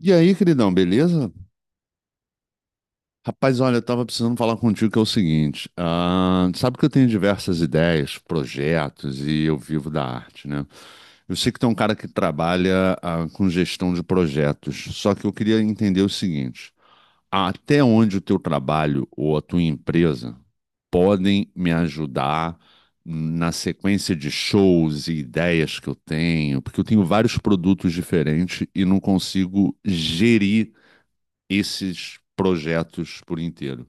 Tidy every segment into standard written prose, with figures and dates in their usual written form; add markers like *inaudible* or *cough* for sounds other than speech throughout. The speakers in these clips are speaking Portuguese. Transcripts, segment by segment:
E aí, queridão, beleza? Rapaz, olha, eu tava precisando falar contigo que é o seguinte, sabe que eu tenho diversas ideias, projetos e eu vivo da arte, né? Eu sei que tem um cara que trabalha, com gestão de projetos, só que eu queria entender o seguinte, até onde o teu trabalho ou a tua empresa podem me ajudar na sequência de shows e ideias que eu tenho, porque eu tenho vários produtos diferentes e não consigo gerir esses projetos por inteiro.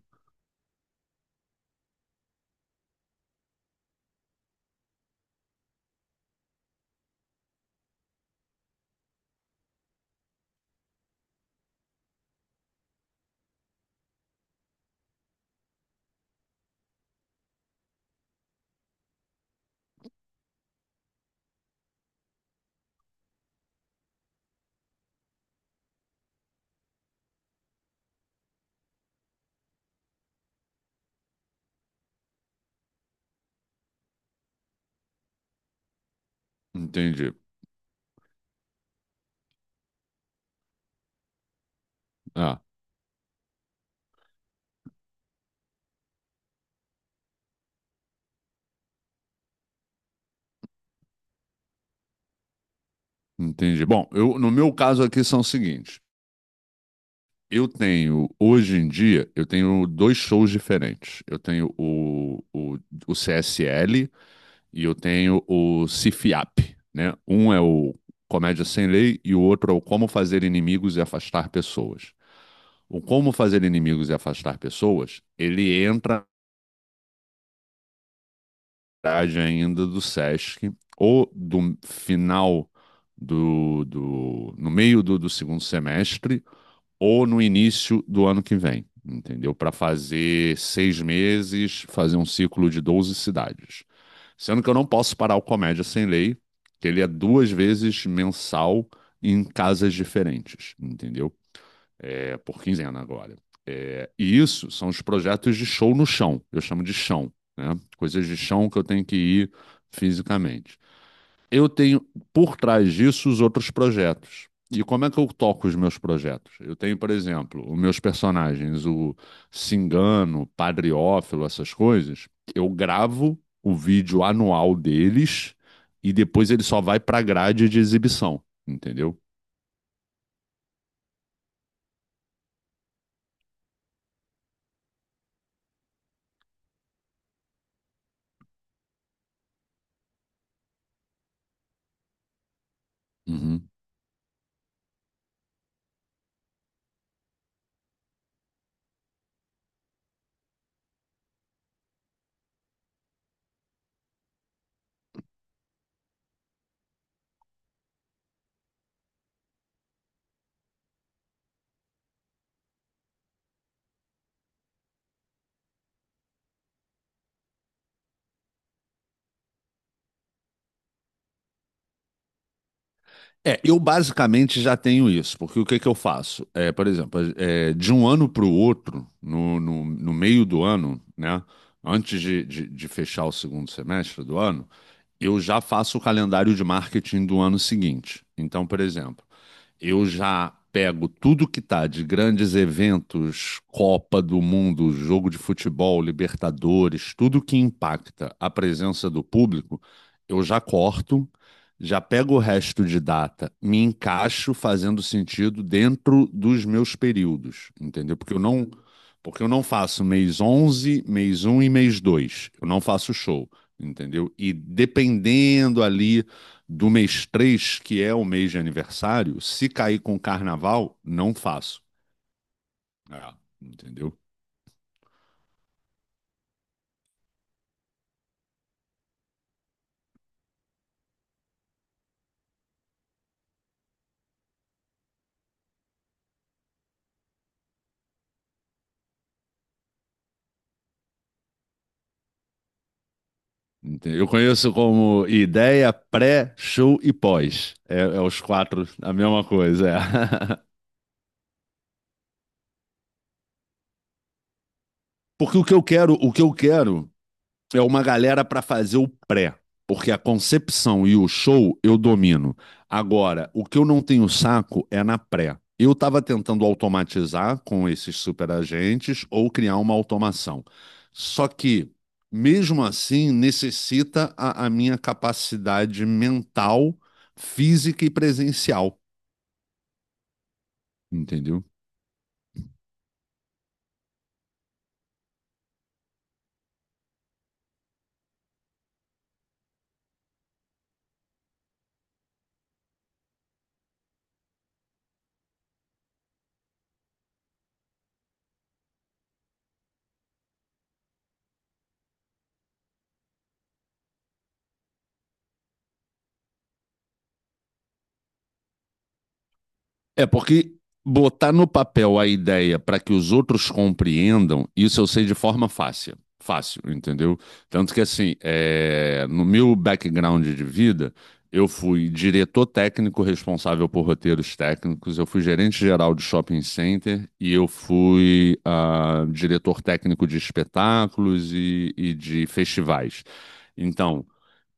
Entendi. Ah, entendi. Bom, eu, no meu caso aqui são os seguintes. Eu tenho, hoje em dia, eu tenho dois shows diferentes. Eu tenho o CSL e eu tenho o CIFIAP, né? Um é o Comédia Sem Lei e o outro é o Como Fazer Inimigos e Afastar Pessoas. O Como Fazer Inimigos e Afastar Pessoas, ele entra grade ainda do Sesc, ou do final do no meio do segundo semestre, ou no início do ano que vem, entendeu? Para fazer 6 meses, fazer um ciclo de 12 cidades. Sendo que eu não posso parar o Comédia Sem Lei, que ele é 2 vezes mensal em casas diferentes, entendeu? É por quinzena agora. E isso são os projetos de show no chão, eu chamo de chão, né? Coisas de chão que eu tenho que ir fisicamente. Eu tenho por trás disso os outros projetos. E como é que eu toco os meus projetos? Eu tenho, por exemplo, os meus personagens, o Cingano, Padriófilo, essas coisas. Eu gravo o vídeo anual deles e depois ele só vai para a grade de exibição, entendeu? Uhum. É, eu basicamente já tenho isso, porque o que que eu faço? É, por exemplo, é, de um ano para o outro, no meio do ano, né? Antes de fechar o segundo semestre do ano, eu já faço o calendário de marketing do ano seguinte. Então, por exemplo, eu já pego tudo que tá de grandes eventos, Copa do Mundo, jogo de futebol, Libertadores, tudo que impacta a presença do público, eu já corto, já pego o resto de data, me encaixo fazendo sentido dentro dos meus períodos, entendeu? Porque eu não faço mês 11, mês 1 e mês 2, eu não faço show, entendeu? E dependendo ali do mês 3 que é o mês de aniversário, se cair com carnaval, não faço. É, entendeu? Eu conheço como ideia pré, show e pós. É, é os quatro, a mesma coisa. É. *laughs* Porque o que eu quero é uma galera para fazer o pré, porque a concepção e o show eu domino. Agora, o que eu não tenho saco é na pré. Eu estava tentando automatizar com esses superagentes ou criar uma automação. Só que, mesmo assim, necessita a minha capacidade mental, física e presencial, entendeu? É porque botar no papel a ideia para que os outros compreendam, isso eu sei de forma fácil. Fácil, entendeu? Tanto que, assim, é, no meu background de vida, eu fui diretor técnico responsável por roteiros técnicos, eu fui gerente geral de shopping center e eu fui diretor técnico de espetáculos e de festivais. Então,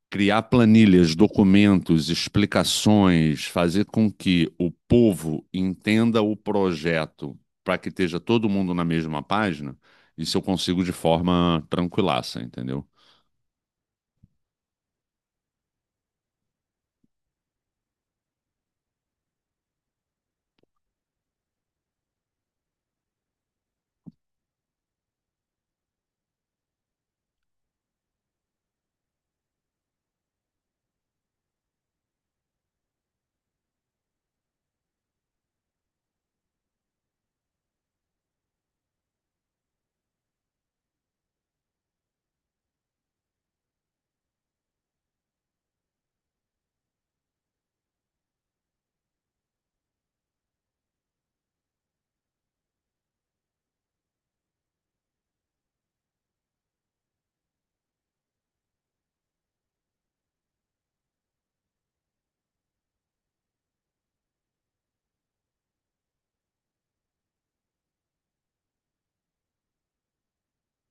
criar planilhas, documentos, explicações, fazer com que o povo entenda o projeto para que esteja todo mundo na mesma página, isso eu consigo de forma tranquilaça, entendeu?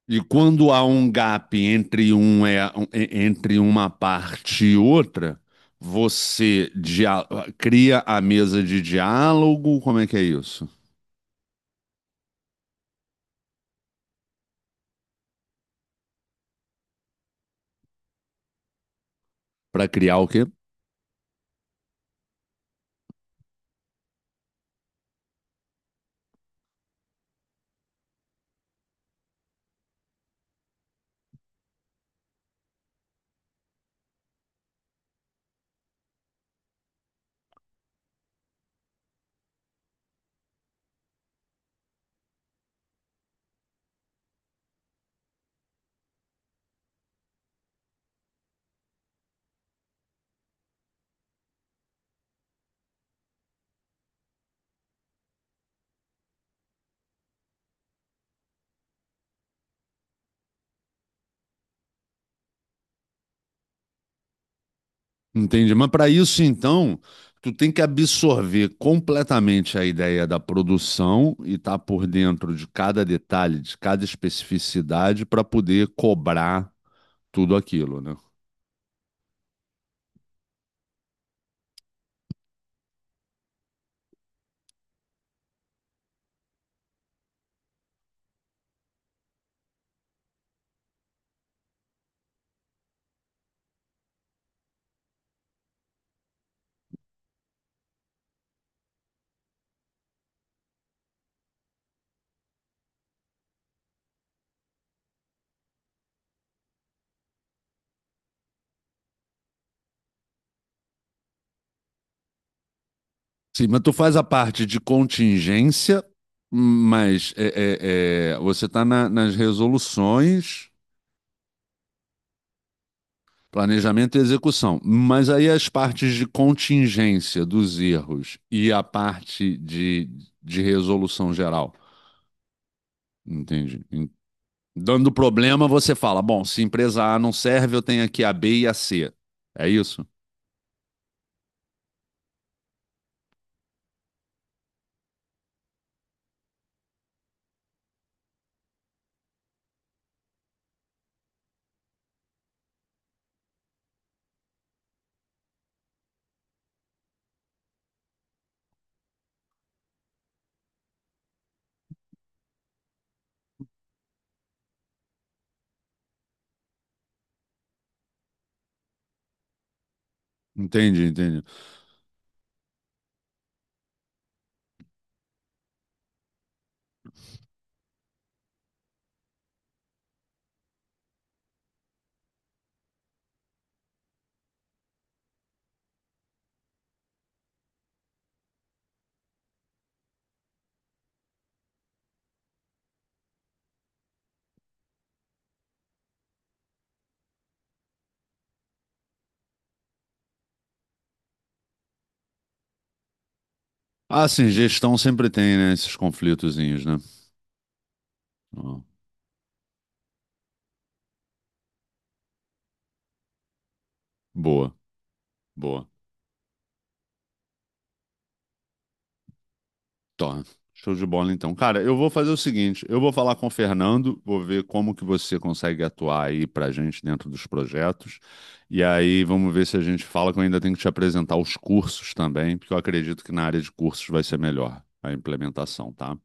E quando há um gap entre, entre uma parte e outra, você dia- cria a mesa de diálogo, como é que é isso? Para criar o quê? Entendi. Mas para isso, então, tu tem que absorver completamente a ideia da produção e estar por dentro de cada detalhe, de cada especificidade, para poder cobrar tudo aquilo, né? Sim, mas tu faz a parte de contingência, mas você está nas resoluções, planejamento e execução. Mas aí as partes de contingência dos erros e a parte de resolução geral. Entende? Dando problema, você fala: bom, se empresa A não serve, eu tenho aqui a B e a C. É isso? Entendi, entendi. Ah, sim, gestão sempre tem, né, esses conflitozinhos, né? Ó, boa, boa. Tá, show de bola então. Cara, eu vou fazer o seguinte, eu vou falar com o Fernando, vou ver como que você consegue atuar aí pra gente dentro dos projetos, e aí vamos ver se a gente fala que eu ainda tenho que te apresentar os cursos também, porque eu acredito que na área de cursos vai ser melhor a implementação, tá?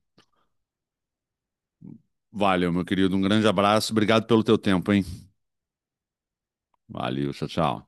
Valeu, meu querido, um grande abraço, obrigado pelo teu tempo, hein? Valeu, tchau, tchau.